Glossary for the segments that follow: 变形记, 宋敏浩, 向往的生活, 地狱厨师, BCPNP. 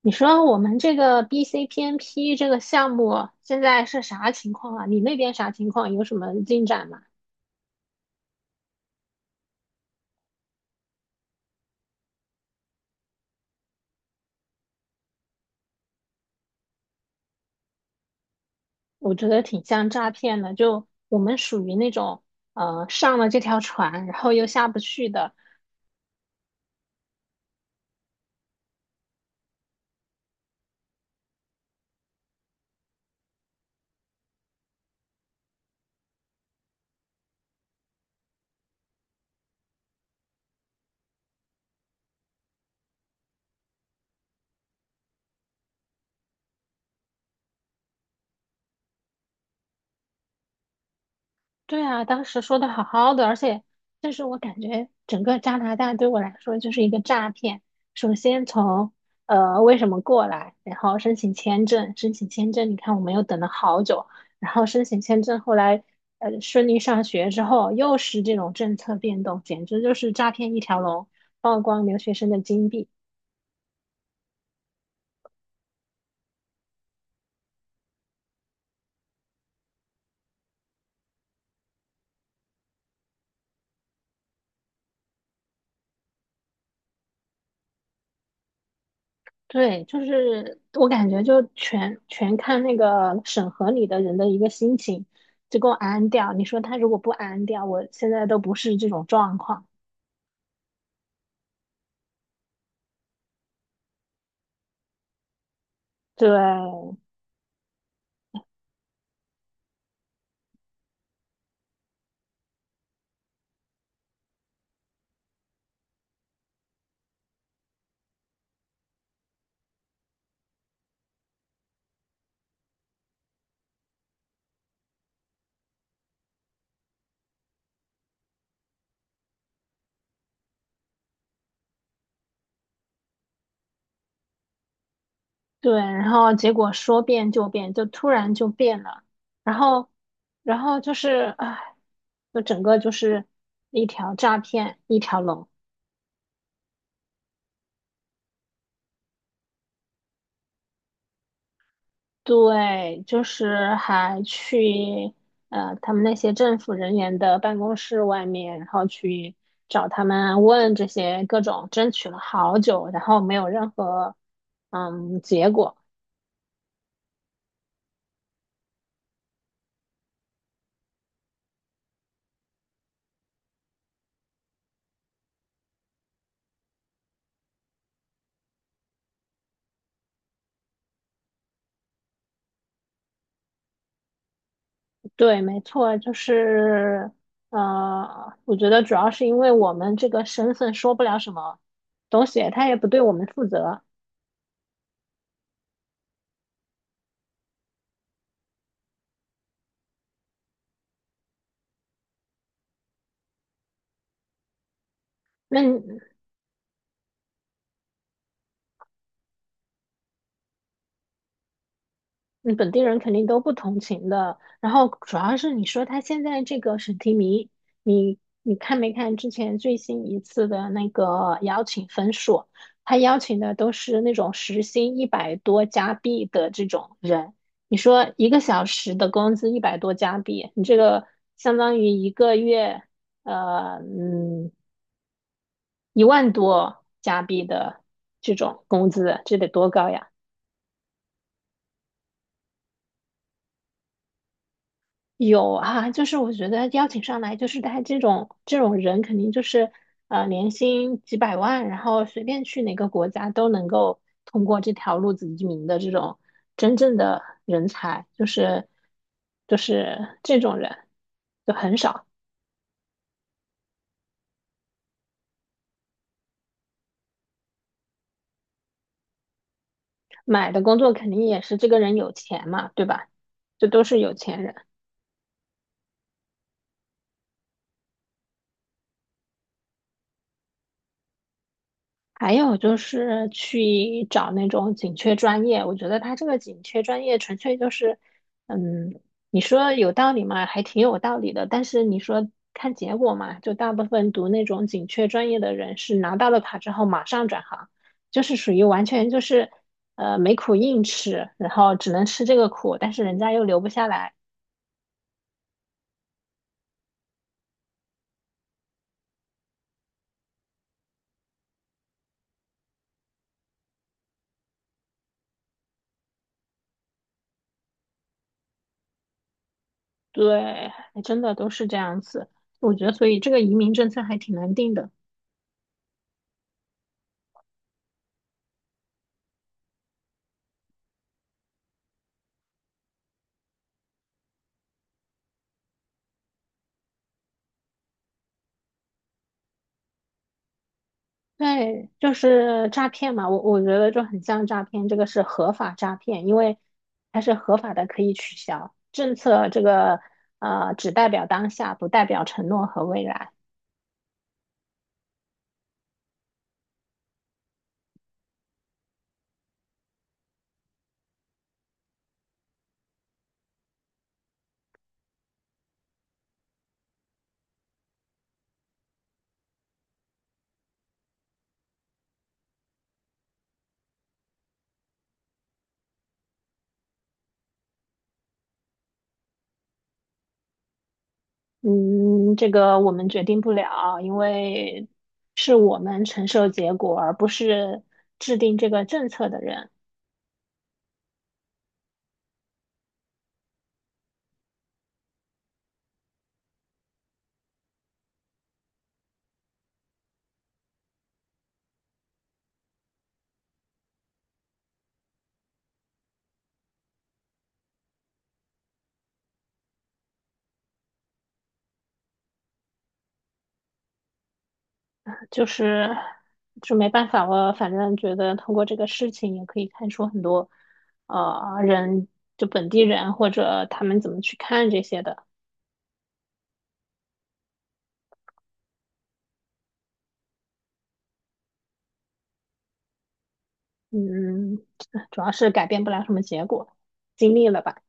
你说我们这个 BCPNP 这个项目现在是啥情况啊？你那边啥情况？有什么进展吗？我觉得挺像诈骗的，就我们属于那种上了这条船，然后又下不去的。对啊，当时说的好好的，但是我感觉整个加拿大对我来说就是一个诈骗。首先从为什么过来，然后申请签证，你看我们又等了好久，然后申请签证，后来呃顺利上学之后，又是这种政策变动，简直就是诈骗一条龙，曝光留学生的金币。对，就是我感觉就全看那个审核你的人的一个心情，就给我安掉。你说他如果不安掉，我现在都不是这种状况。对对，然后结果说变就变，就突然就变了，然后然后就是唉，就整个就是一条诈骗一条龙。对，就是还去他们那些政府人员的办公室外面，然后去找他们问这些各种，争取了好久，然后没有任何结果。对，没错，我觉得主要是因为我们这个身份说不了什么东西，他也不对我们负责。那嗯，本地人肯定都不同情的。然后主要是你说他现在这个审提名，你看没看之前最新一次的那个邀请分数？他邀请的都是那种时薪一百多加币的这种人。你说一个小时的工资一百多加币，你这个相当于一个月，呃，嗯，一万多加币的这种工资，这得多高呀！有啊，就是我觉得邀请上来，就是他这种人，肯定就是年薪几百万，然后随便去哪个国家都能够通过这条路子移民的这种真正的人才，就是这种人就很少。买的工作肯定也是这个人有钱嘛，对吧？这都是有钱人。还有就是去找那种紧缺专业，我觉得他这个紧缺专业纯粹就是，嗯，你说有道理嘛，还挺有道理的。但是你说看结果嘛，就大部分读那种紧缺专业的人是拿到了卡之后马上转行，就是属于完全就是，没苦硬吃，然后只能吃这个苦，但是人家又留不下来。对，还真的都是这样子。我觉得所以这个移民政策还挺难定的。对，就是诈骗嘛，我觉得就很像诈骗，这个是合法诈骗，因为它是合法的，可以取消。政策这个只代表当下，不代表承诺和未来。嗯，这个我们决定不了，因为是我们承受结果，而不是制定这个政策的人。就是就没办法，我反正觉得通过这个事情也可以看出很多，人就本地人或者他们怎么去看这些的。嗯，主要是改变不了什么结果，经历了吧。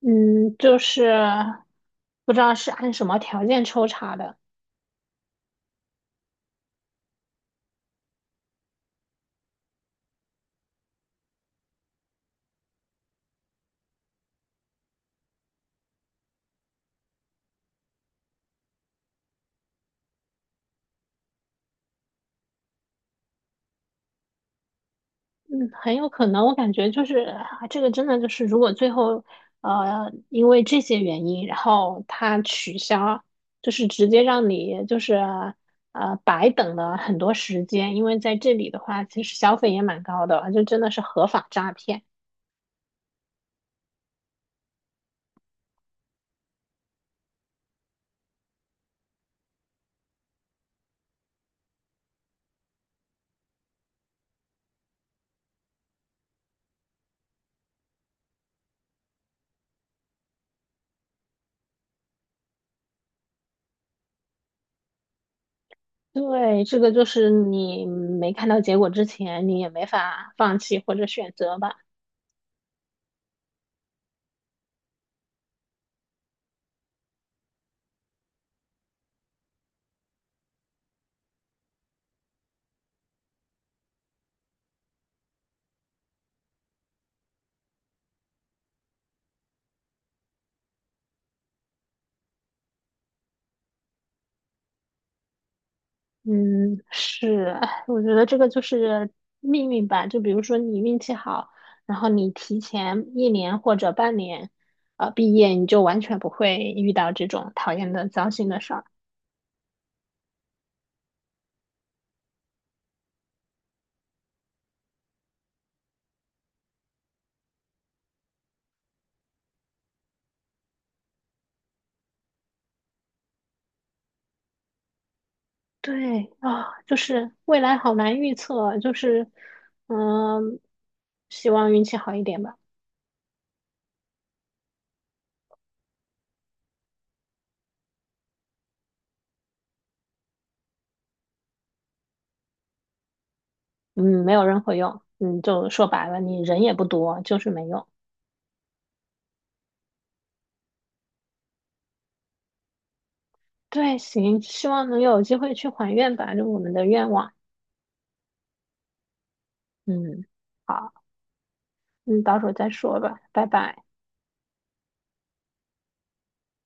嗯，就是不知道是按什么条件抽查的。嗯，很有可能，我感觉就是啊这个真的就是，如果最后因为这些原因，然后他取消，就是直接让你白等了很多时间，因为在这里的话，其实消费也蛮高的，就真的是合法诈骗。对，这个就是你没看到结果之前，你也没法放弃或者选择吧。嗯，是，哎我觉得这个就是命运吧。就比如说你运气好，然后你提前一年或者半年，毕业，你就完全不会遇到这种讨厌的糟心的事儿。对啊，就是未来好难预测，就是嗯，希望运气好一点吧。嗯，没有任何用。嗯，就说白了，你人也不多，就是没用。对，行，希望能有机会去还愿吧，就我们的愿望。嗯。好。嗯，到时候再说吧，拜拜。